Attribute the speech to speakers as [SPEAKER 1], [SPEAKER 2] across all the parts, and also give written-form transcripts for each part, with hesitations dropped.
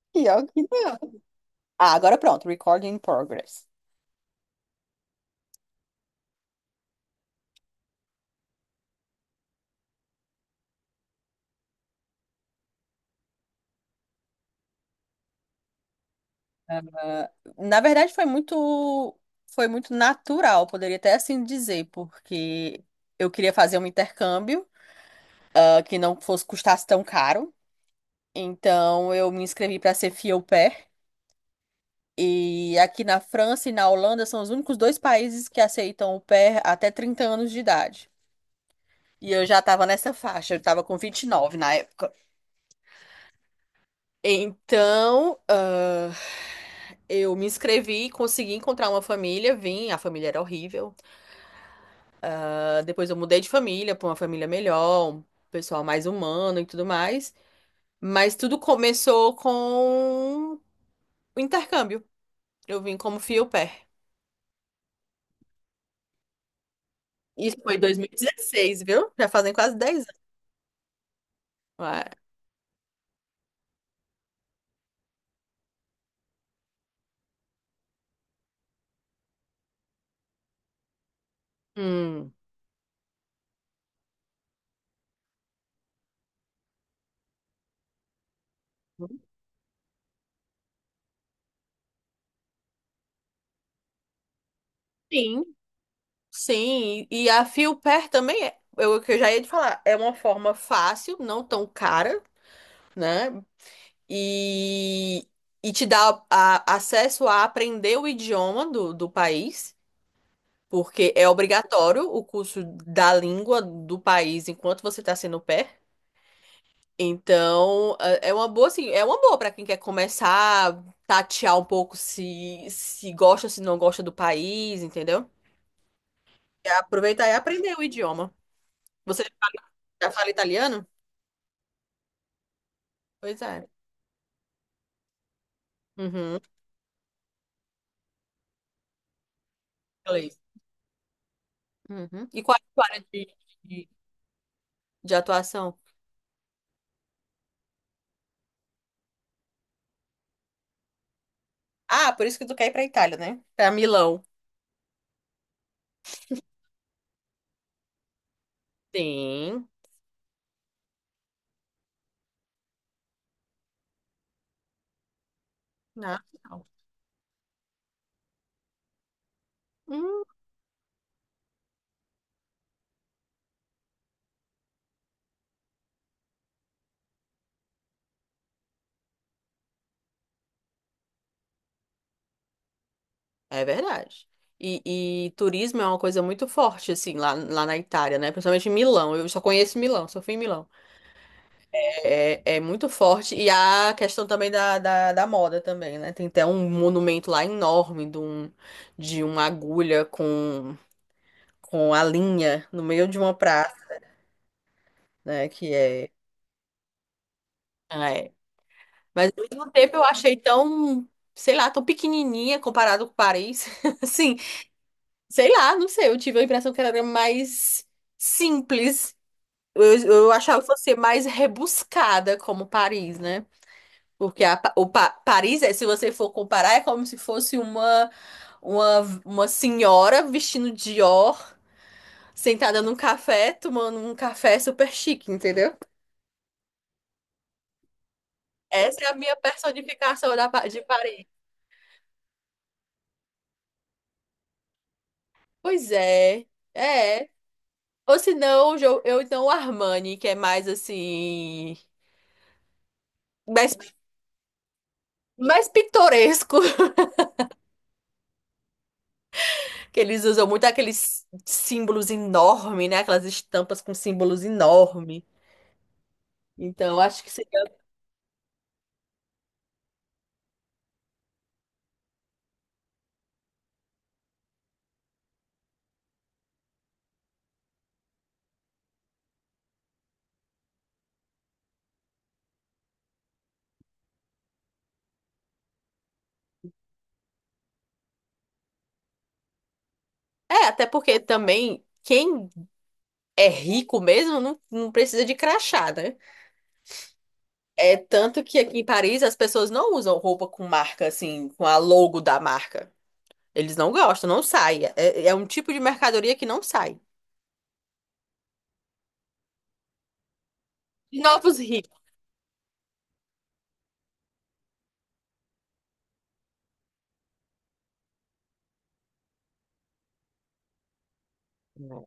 [SPEAKER 1] Pior que não. Ah, agora pronto, recording in progress. Ah, na verdade, foi muito natural, poderia até assim dizer, porque eu queria fazer um intercâmbio, que não fosse custasse tão caro. Então, eu me inscrevi para ser fille o pair. E aqui na França e na Holanda são os únicos dois países que aceitam o pair até 30 anos de idade. E eu já estava nessa faixa, eu estava com 29 na época. Então, eu me inscrevi, consegui encontrar uma família, vim, a família era horrível. Ah, depois eu mudei de família para uma família melhor, um pessoal mais humano e tudo mais. Mas tudo começou com o intercâmbio. Eu vim como fio-pé. Isso foi em 2016, viu? Já fazem quase 10 anos. Ué, hum, sim, sim. E a fio também é, eu, que eu já ia te falar, é uma forma fácil, não tão cara. Né? e, e te dá acesso a aprender o idioma do país, porque é obrigatório o curso da língua do país enquanto você está sendo pé. Então, é uma boa, assim, é uma boa para quem quer começar a tatear um pouco se gosta, se não gosta do país, entendeu? E aproveitar e aprender o idioma. Você já fala italiano? Pois é. Uhum. Inglês. Uhum. E qual é a sua área de, de atuação? Ah, por isso que tu quer ir pra Itália, né? Pra Milão. Sim, nacional. Hum, é verdade. E turismo é uma coisa muito forte, assim, lá, lá na Itália, né? Principalmente em Milão. Eu só conheço Milão, só fui em Milão. É, é muito forte. E a questão também da moda também, né? Tem até um monumento lá enorme de uma agulha com a linha no meio de uma praça, né? Que é. Mas ao mesmo tempo eu achei tão, sei lá, tão pequenininha comparado com Paris. Assim, sei lá, não sei, eu tive a impressão que ela era mais simples. Eu achava que fosse mais rebuscada como Paris, né? Porque a Pa- o Pa- Paris, é, se você for comparar, é como se fosse uma senhora vestindo Dior, sentada num café, tomando um café super chique, entendeu? Essa é a minha personificação de Paris. Pois é, é. Ou se não, eu então o Armani, que é mais assim, mais, mais pitoresco, que eles usam muito aqueles símbolos enormes, né? Aquelas estampas com símbolos enormes. Então, acho que seria. É, até porque também quem é rico mesmo não, não precisa de crachá, né? É tanto que aqui em Paris as pessoas não usam roupa com marca, assim, com a logo da marca. Eles não gostam, não sai. É, é um tipo de mercadoria que não sai. Novos ricos. Não.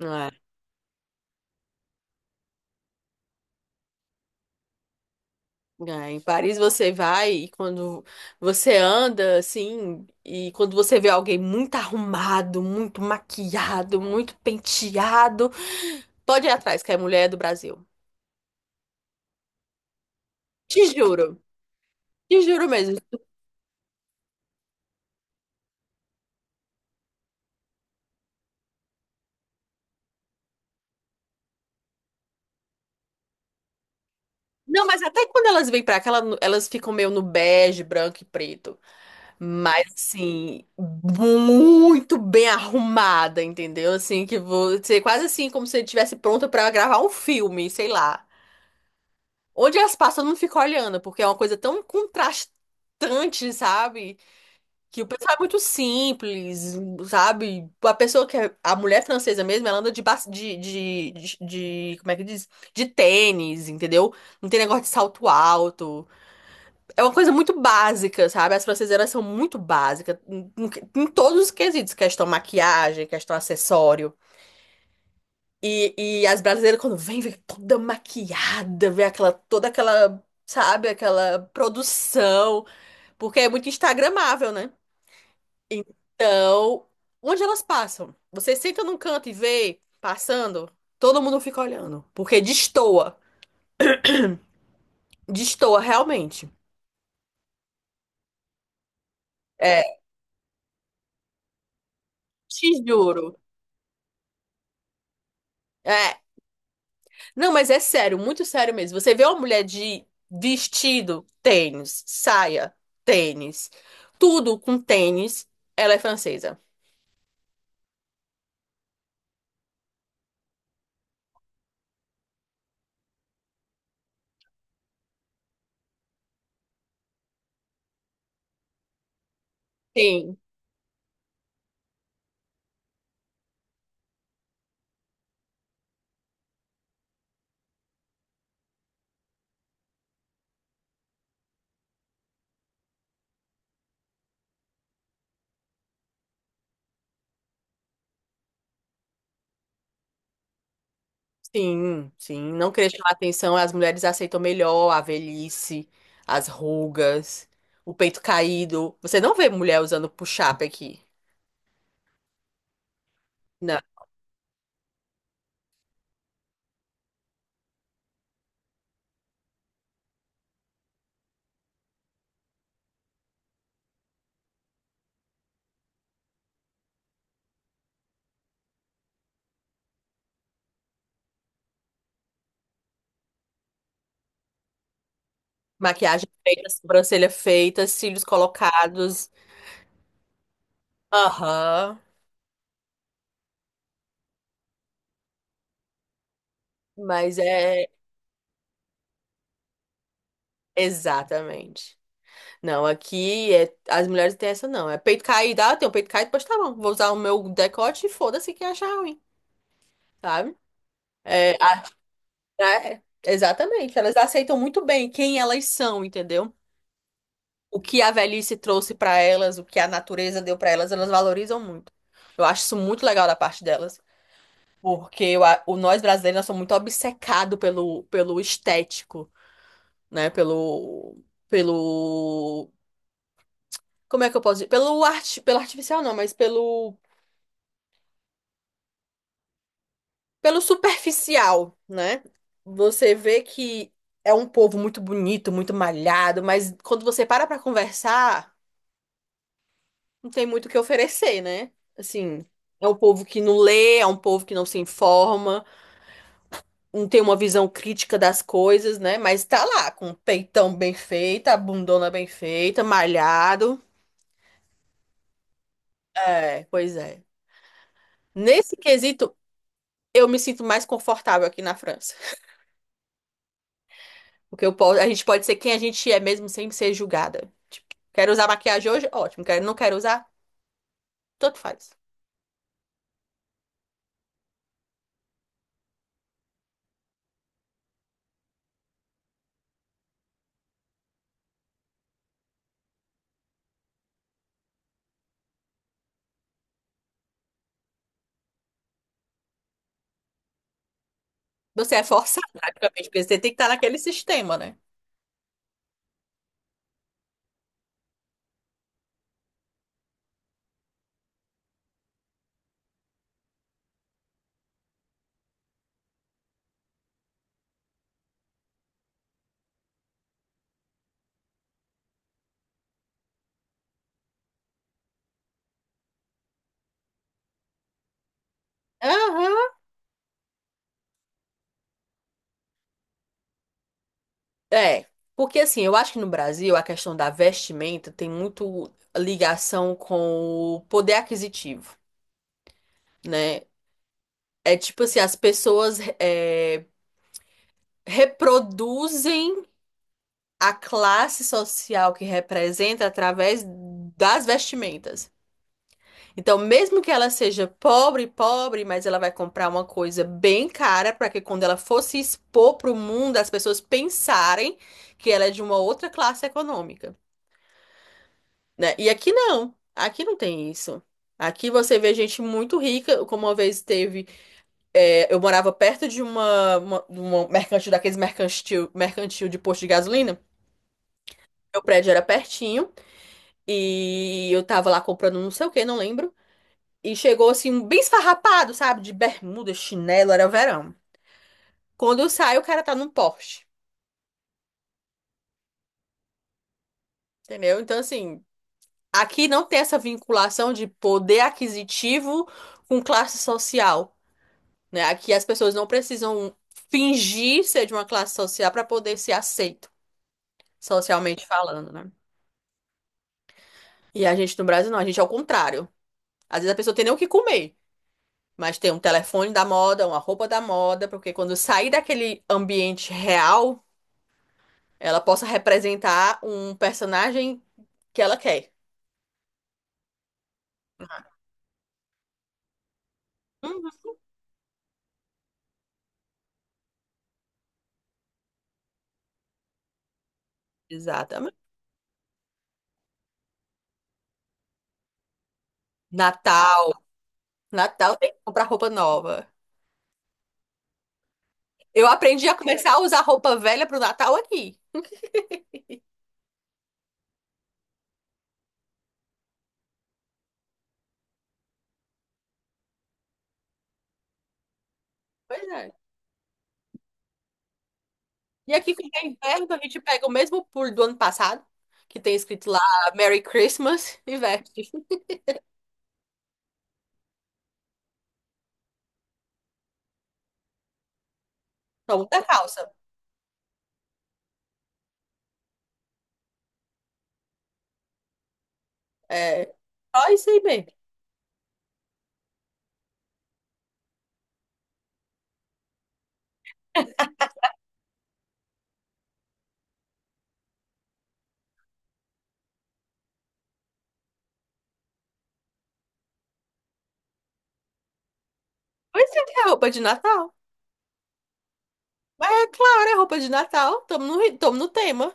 [SPEAKER 1] É. É, em Paris você vai e quando você anda assim, e quando você vê alguém muito arrumado, muito maquiado, muito penteado, pode ir atrás, que é mulher do Brasil. Te juro, te juro mesmo. Não, mas até quando elas vêm pra cá, elas ficam meio no bege, branco e preto. Mas assim, muito bem arrumada, entendeu? Assim, que você quase assim, como se estivesse pronta pra gravar um filme, sei lá. Onde elas passam, eu não fico olhando, porque é uma coisa tão contrastante, sabe? Que o pessoal é muito simples, sabe? A pessoa que é, a mulher francesa mesmo, ela anda de, ba- de- como é que diz? De tênis, entendeu? Não tem negócio de salto alto. É uma coisa muito básica, sabe? As francesas, elas são muito básicas em todos os quesitos, questão maquiagem, questão acessório. E as brasileiras, quando vêm vem toda maquiada, vem aquela, toda aquela, sabe, aquela produção, porque é muito instagramável, né? Então, onde elas passam? Você senta num canto e vê passando, todo mundo fica olhando, porque destoa, destoa realmente. É, te juro. É, não, mas é sério, muito sério mesmo. Você vê uma mulher de vestido, tênis, saia, tênis, tudo com tênis, ela é francesa. Sim, sim, sim. Não querer chamar atenção, as mulheres aceitam melhor a velhice, as rugas, o peito caído. Você não vê mulher usando push-up aqui. Não. Maquiagem feita, sobrancelha feita, cílios colocados. Aham. Mas é exatamente. Não, aqui é, as mulheres têm essa não. É peito caído, ah, tem o peito caído, pois tá bom. Vou usar o meu decote e foda-se quem achar ruim, sabe? É, né? Exatamente. Elas aceitam muito bem quem elas são, entendeu? O que a velhice trouxe pra elas, o que a natureza deu pra elas, elas valorizam muito. Eu acho isso muito legal da parte delas, porque eu a- o nós brasileiros nós somos muito obcecados pelo estético, né? Pelo como é que eu posso dizer? Pelo arte, pelo artificial não, mas pelo superficial, né? Você vê que é um povo muito bonito, muito malhado, mas quando você para pra conversar não tem muito o que oferecer, né? Assim, é um povo que não lê, é um povo que não se informa, não tem uma visão crítica das coisas, né? Mas tá lá, com o peitão bem feito, a bundona bem feita, malhado. É, pois é. Nesse quesito, eu me sinto mais confortável aqui na França. Porque eu posso, a gente pode ser quem a gente é mesmo sem ser julgada. Tipo, quero usar maquiagem hoje? Ótimo. Quero, não quero usar? Tanto faz. Você é forçado, praticamente, porque você tem que estar naquele sistema, né? Aham. É, porque assim, eu acho que no Brasil a questão da vestimenta tem muito ligação com o poder aquisitivo, né? É tipo assim, as pessoas reproduzem a classe social que representa através das vestimentas. Então, mesmo que ela seja pobre, pobre, mas ela vai comprar uma coisa bem cara para que quando ela for se expor para o mundo, as pessoas pensarem que ela é de uma outra classe econômica. Né? E aqui não. Aqui não tem isso. Aqui você vê gente muito rica, como uma vez teve. É, eu morava perto de uma mercantil, daqueles mercantil, mercantil de posto de gasolina. Meu prédio era pertinho e eu tava lá comprando não sei o que, não lembro. E chegou assim, um bem esfarrapado, sabe? De bermuda, chinelo, era verão. Quando eu saio, o cara tá num Porsche, entendeu? Então, assim, aqui não tem essa vinculação de poder aquisitivo com classe social. Né? Aqui as pessoas não precisam fingir ser de uma classe social para poder ser aceito, socialmente falando, né? E a gente no Brasil não, a gente é o contrário. Às vezes a pessoa tem nem o que comer, mas tem um telefone da moda, uma roupa da moda, porque quando sair daquele ambiente real, ela possa representar um personagem que ela quer. Uhum. Exatamente. Natal, Natal tem que comprar roupa nova. Eu aprendi a começar a usar roupa velha pro Natal aqui. Pois é. E aqui, quando é inverno, então a gente pega o mesmo puro do ano passado, que tem escrito lá Merry Christmas, e veste. Só muita calça. É só isso aí mesmo. Pois é, é roupa de Natal. Mas é claro, é roupa de Natal. Tamo no tema.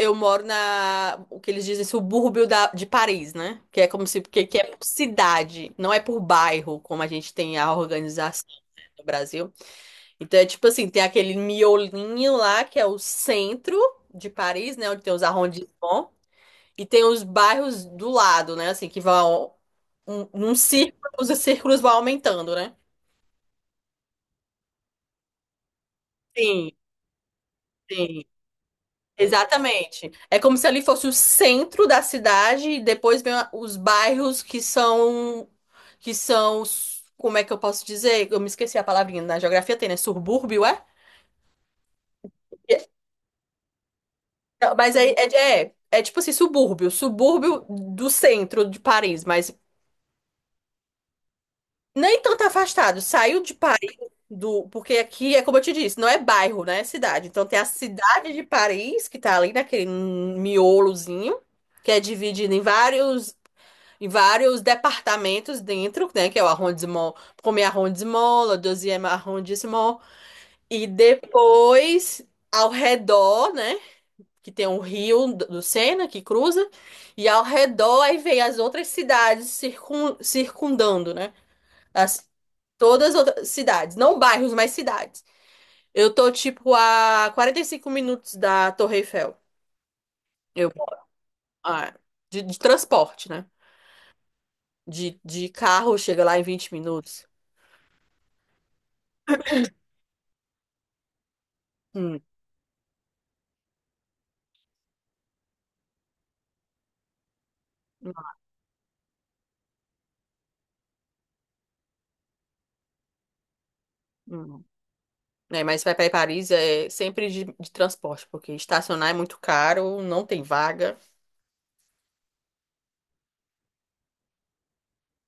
[SPEAKER 1] Eu moro na, o que eles dizem, subúrbio de Paris, né? Que é como se, que é por cidade, não é por bairro, como a gente tem a organização no Brasil. Então é tipo assim, tem aquele miolinho lá, que é o centro de Paris, né? Onde tem os arrondissements. E tem os bairros do lado, né? Assim, que vão. Um círculo, os círculos vão aumentando, né? Sim, sim. Exatamente. É como se ali fosse o centro da cidade e depois vem os bairros que são. Que são. Como é que eu posso dizer? Eu me esqueci a palavrinha. Na geografia tem, né? Subúrbio, é? É, mas aí é tipo assim, subúrbio. Subúrbio do centro de Paris, mas nem tanto afastado. Saiu de Paris. Porque aqui é como eu te disse, não é bairro, né? É cidade. Então tem a cidade de Paris, que tá ali naquele miolozinho, que é dividida em vários departamentos dentro, né, que é o arrondissement, premier arrondissement, le deuxième arrondissement, e depois ao redor, né, que tem o rio do Sena que cruza, e ao redor aí vem as outras cidades circun, circundando, né? As, todas as outras cidades, não bairros, mas cidades. Eu tô, tipo, a 45 minutos da Torre Eiffel. Eu, ah, de transporte, né? De carro, chega lá em 20 minutos. Hum, hum, hum. É, mas vai para Paris é sempre de transporte, porque estacionar é muito caro, não tem vaga,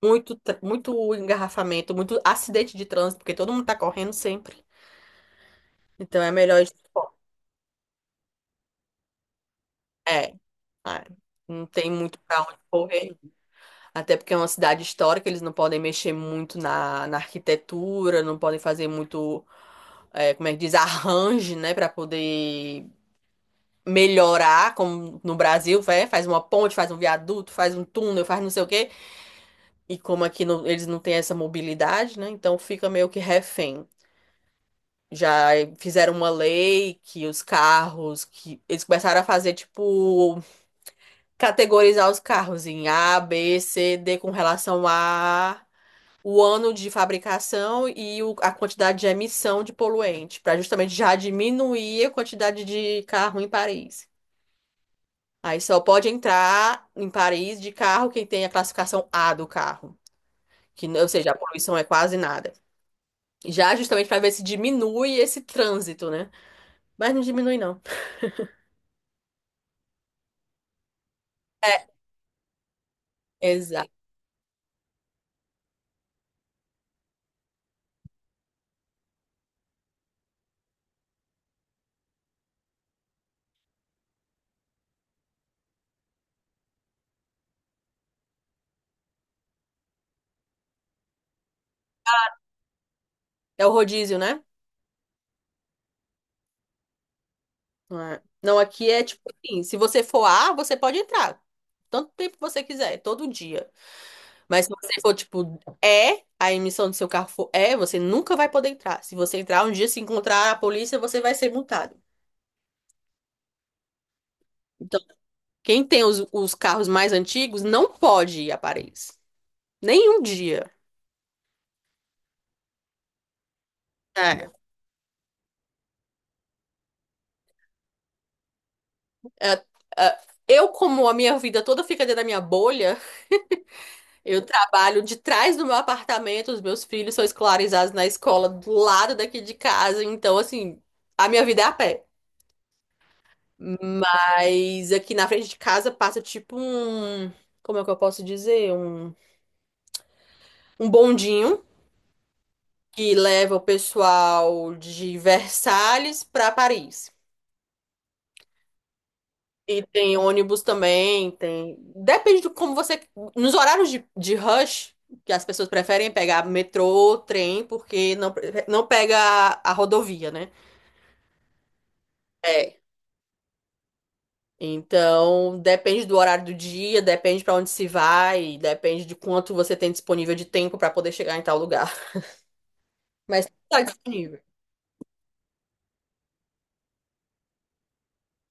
[SPEAKER 1] muito, muito engarrafamento, muito acidente de trânsito, porque todo mundo tá correndo sempre. Então é melhor ir de transporte. É, é. Não tem muito pra onde correr. Até porque é uma cidade histórica, eles não podem mexer muito na arquitetura, não podem fazer muito, como é que diz, arranjo, né, para poder melhorar, como no Brasil, vai, faz uma ponte, faz um viaduto, faz um túnel, faz não sei o quê. E como aqui eles não têm essa mobilidade, né, então fica meio que refém. Já fizeram uma lei que os carros, que eles começaram a fazer, tipo, categorizar os carros em A, B, C, D com relação a o ano de fabricação e a quantidade de emissão de poluente, para justamente já diminuir a quantidade de carro em Paris. Aí só pode entrar em Paris de carro quem tem a classificação A do carro, que, ou seja, a poluição é quase nada. Já justamente para ver se diminui esse trânsito, né? Mas não diminui, não. É, exato. É o rodízio, né? Não, não, aqui é tipo assim, se você for A, você pode entrar. Tanto tempo que você quiser, todo dia. Mas se você for, tipo, é, a emissão do seu carro for é, você nunca vai poder entrar. Se você entrar um dia, se encontrar a polícia, você vai ser multado. Então, quem tem os carros mais antigos não pode ir a Paris. Nenhum dia. É. É, é, eu, como a minha vida toda fica dentro da minha bolha, eu trabalho de trás do meu apartamento, os meus filhos são escolarizados na escola do lado daqui de casa, então, assim, a minha vida é a pé. Mas aqui na frente de casa passa tipo um, como é que eu posso dizer? Um bondinho que leva o pessoal de Versalhes para Paris. E tem ônibus também, tem. Depende de como você. Nos horários de rush, que as pessoas preferem pegar metrô, trem, porque não pega a rodovia, né? É. Então, depende do horário do dia, depende para onde se vai, depende de quanto você tem disponível de tempo para poder chegar em tal lugar. Mas tá disponível.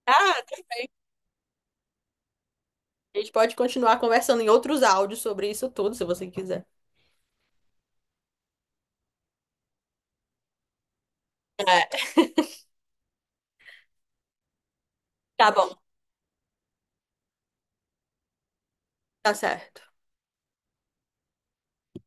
[SPEAKER 1] Ah, a gente pode continuar conversando em outros áudios sobre isso tudo, se você quiser. É, tá bom. Tá certo.